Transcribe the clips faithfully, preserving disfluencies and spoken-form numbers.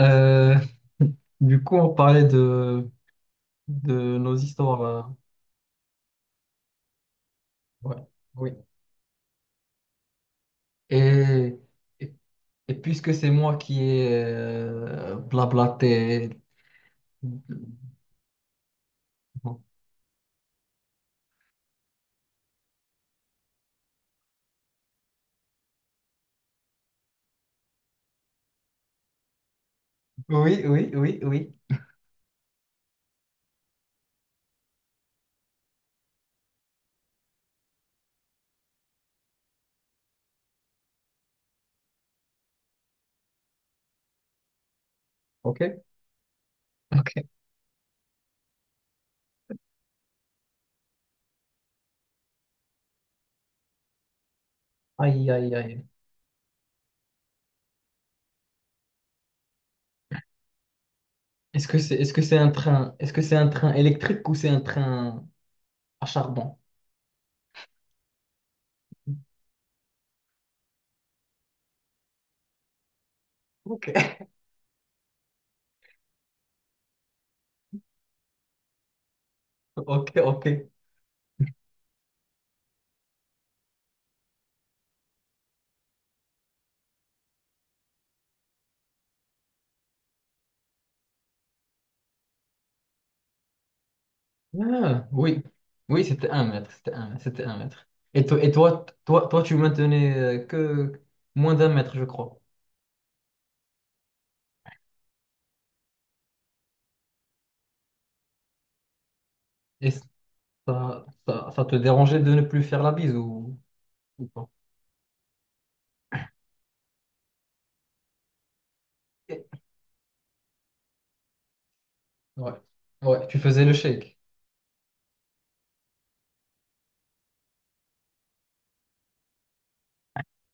Euh, du coup, on parlait de, de nos histoires, hein. Ouais, oui. Et, et, et puisque c'est moi qui ai euh, blablaté. Oui, oui, oui, oui. OK. OK. Aïe, aïe, aïe. Est-ce que c'est, est-ce que c'est un train, est-ce que c'est un train électrique ou c'est un train à charbon? OK. OK, OK. Ah, oui, oui, c'était un mètre, c'était un, c'était un mètre. Et, toi, et toi, toi, toi, tu maintenais euh, que moins d'un mètre, je crois. Et ça, ça, ça te dérangeait de ne plus faire la bise, ou, ou pas? Et- ouais, ouais, tu faisais le shake.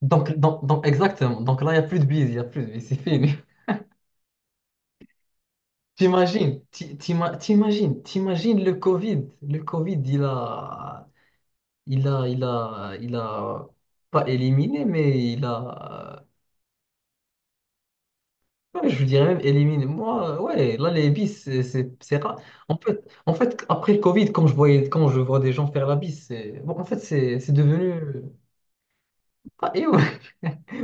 Donc, donc, donc, exactement. Donc là, il n'y a plus de bise, il n'y a plus de bise, c'est fini. T'imagines, ti- t'ima- t'imagines, t'imagines le Covid. Le Covid, il a, il a, il a, il a pas éliminé, mais il a... Ouais, je dirais même éliminer. Moi, ouais, là, les bis, c'est c'est- c'est rare. En fait, en fait, après le Covid, quand je voyais, quand je vois des gens faire la bise, c'est, bon, en fait, c'est c'est devenu... Ah, éo.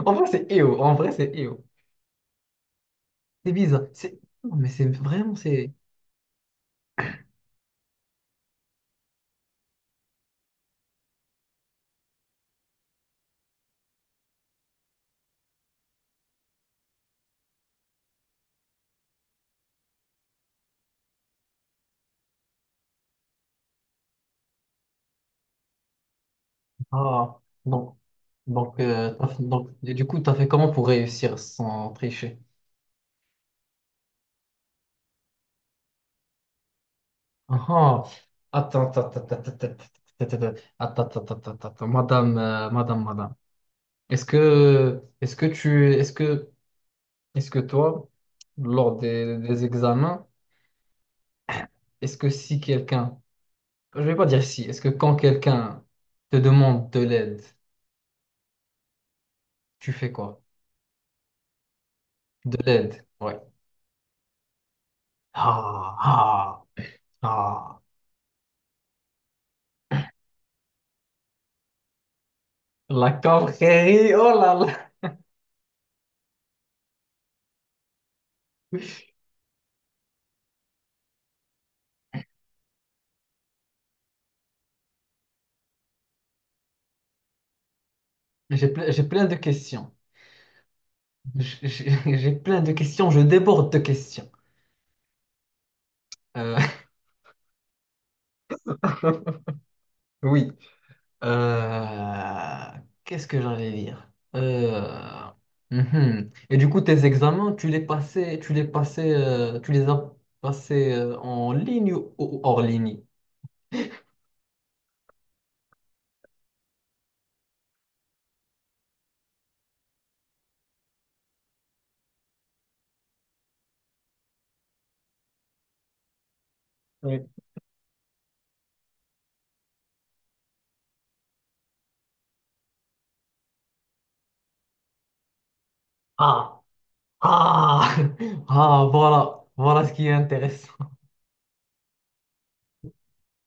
En vrai, c'est éo. En vrai, c'est éo. C'est bizarre. C'est... non, mais c'est vraiment, c'est... Ah, donc, donc, euh, t'as fait- donc, du coup, t'as fait comment pour réussir sans tricher? Ah, ah. attends, attends, attends, attends, attends, attends, attends, attends, attends, attends, attends, attends, attends, attends, attends, attends, madame, euh, madame, madame. Est-ce que, est-ce que tu, est-ce que Est-ce que toi, lors des, des examens, est-ce que si quelqu'un, je vais pas dire si, est-ce que quand quelqu'un te demande de l'aide, tu fais quoi? De l'aide, ouais. Ah, ah, ah. La confrérie, oh là là. J'ai ple- j'ai plein de questions. J'ai j'ai- j'ai plein de questions, je déborde de questions. Euh, oui. Euh, qu'est-ce que j'allais dire? Euh, mhm. Et du coup, tes examens, tu les passais, tu les passais, euh, tu les as passés euh, en ligne ou ou hors ligne? Oui. Ah, ah, ah, voilà, voilà ce qui est intéressant.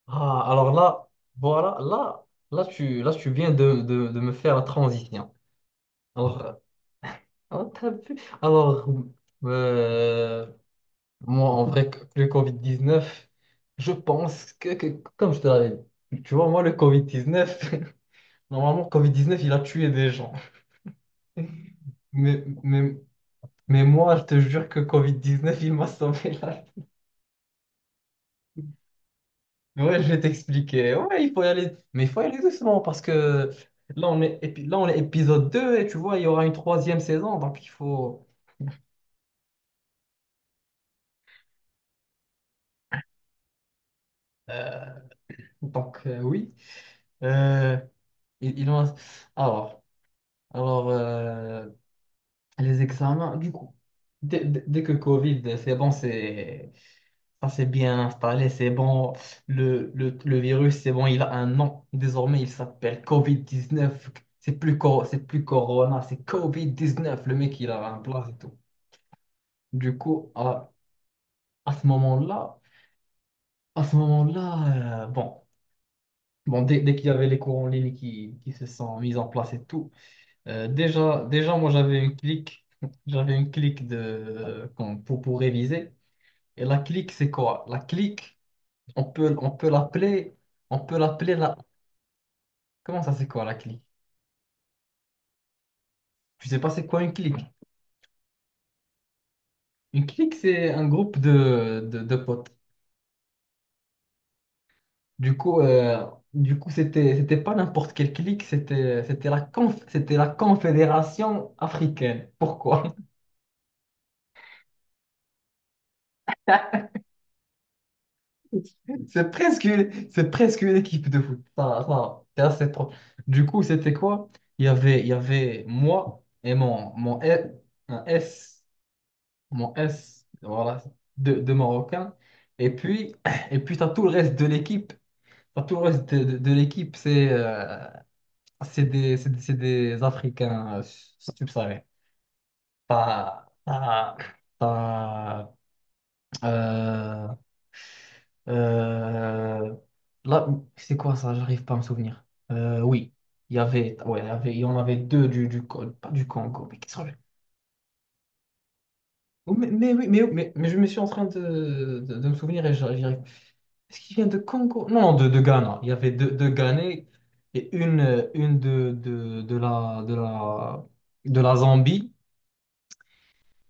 Ah, alors là, voilà, là, là, tu, là, tu viens de, de- de me faire la transition. Alors, euh, ah, t'as vu? Alors, euh, moi, en vrai, que- le covid dix-neuf, je pense que, que- comme je te l'avais dit, tu vois, moi, le covid dix-neuf, normalement, covid dix-neuf, il a tué des gens. Mais, mais, mais moi, je te jure que covid dix-neuf, il m'a sauvé. Ouais, je vais t'expliquer. Ouais, il faut y aller, mais il faut y aller doucement parce que là, on est, épi- là, on est épisode deux et tu vois, il y aura une troisième saison, donc il faut... euh, donc, euh, oui. Euh, il, il en- Alors, alors euh, les examens, du coup, dès, dès- dès que Covid, c'est bon, c'est, ça s'est bien installé, c'est bon, le, le, le virus, c'est bon, il a un nom. Désormais, il s'appelle covid dix-neuf. C'est plus, cor- c'est plus Corona, c'est covid dix-neuf. Le mec, il a un blase et tout. Du coup, à, à ce moment-là, à ce moment-là, euh, bon, bon, dès, dès qu'il y avait les cours en ligne qui, qui se sont mis en place et tout, euh, déjà, déjà, moi, j'avais une clique, j'avais une clique de, euh, qu'on- pour, pour réviser. Et la clique, c'est quoi? La clique, on peut, on peut l'appeler, on peut l'appeler la... Comment ça, c'est quoi la clique? Tu sais pas, c'est quoi une clique? Une clique, c'est un groupe de, de, de potes. Du coup, euh, du coup, c'était, c'était pas n'importe quelle clique, c'était, c'était la conf- c'était la Confédération africaine. Pourquoi? C'est presque, une- c'est presque une équipe de foot. Ça, ça, c'est assez propre. Du coup, c'était quoi? Il y avait, il y avait moi et mon, mon S, un S, mon S, voilà, de, de Marocains. Et puis, et puis tu as tout le reste de l'équipe. T'as tout le reste de, de- de l'équipe, c'est euh, c'est des, c'est des, c'est des Africains euh, subsahariens. T'as, t'as, t'as, euh, euh, là, c'est quoi ça? J'arrive pas à me souvenir. Euh, oui, il y avait, ouais, il y avait, il y en avait deux du, du, Con- pas du Congo, mais qui sont... Mais, mais oui, mais, mais, mais je me suis en train de, de, de me souvenir et j'arrive... Est-ce qu'il vient de Congo? Non, de, de Ghana. Il y avait deux, deux Ghanais et une, euh, une de, de, de la, de la, de la Zambie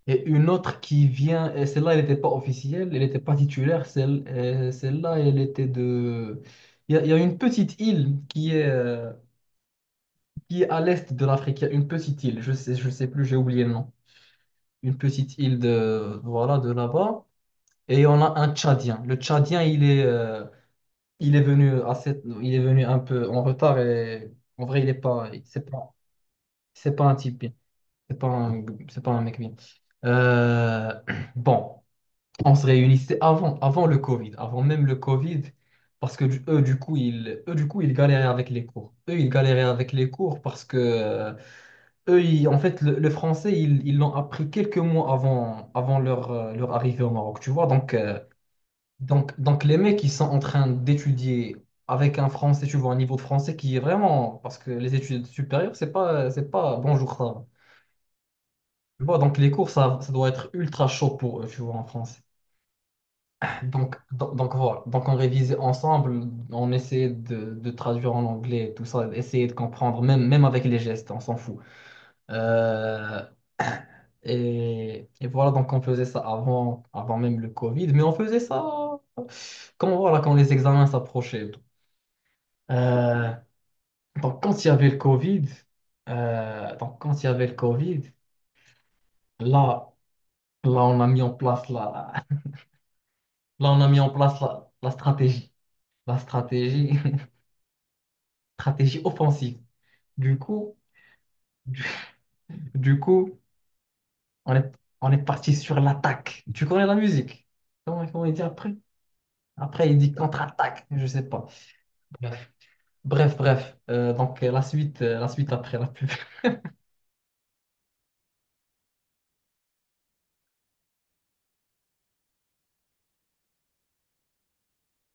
et une autre qui vient. Et celle-là, elle n'était pas officielle, elle n'était pas titulaire. Celle, euh, celle-là, elle était de... Il y a, il y a une petite île qui est, euh, qui est à l'est de l'Afrique. Il y a une petite île, je sais, je sais plus, j'ai oublié le nom. Une petite île de, voilà, de là-bas. Et on a un Tchadien. Le Tchadien, il est... euh, il est venu assez, il est venu un peu en retard et en vrai, il est pas, c'est pas, c'est pas un type bien. C'est pas un, c'est pas un mec bien. Euh, bon, on se réunissait avant, avant le Covid, avant même le Covid, parce que du- eux, du coup, ils, eux, du coup, ils galéraient avec les cours. Eux, ils galéraient avec les cours parce que euh, eux, ils- en fait, le, le français, ils, ils l'ont appris quelques mois avant, avant leur, euh, leur arrivée au Maroc, tu vois. Donc, euh, donc, donc les mecs, ils sont en train d'étudier avec un français, tu vois, un niveau de français qui est vraiment... Parce que les études supérieures, c'est pas, c'est pas bonjour, ça va. Tu vois, donc les cours, ça, ça doit être ultra chaud pour eux, tu vois, en français. Donc, donc, donc voilà. Donc on révisait ensemble, on essayait de, de traduire en anglais, tout ça, essayer de comprendre, même, même avec les gestes, on s'en fout. Euh, et, et voilà, donc on faisait ça avant, avant même le Covid, mais on faisait ça... quand voilà, quand les examens s'approchaient. Euh, donc, quand il y avait le Covid, euh, donc quand il y avait le Covid, là, là, on a mis en place la, là, on a mis en place la, la stratégie, la stratégie, stratégie offensive. Du coup, du, du coup, on est, on est parti sur l'attaque. Tu connais la musique? Comment, comment il dit après? Après, il dit contre-attaque, je sais pas. Bref, bref, bref. Euh, donc, euh, la suite, euh, la suite après la pub.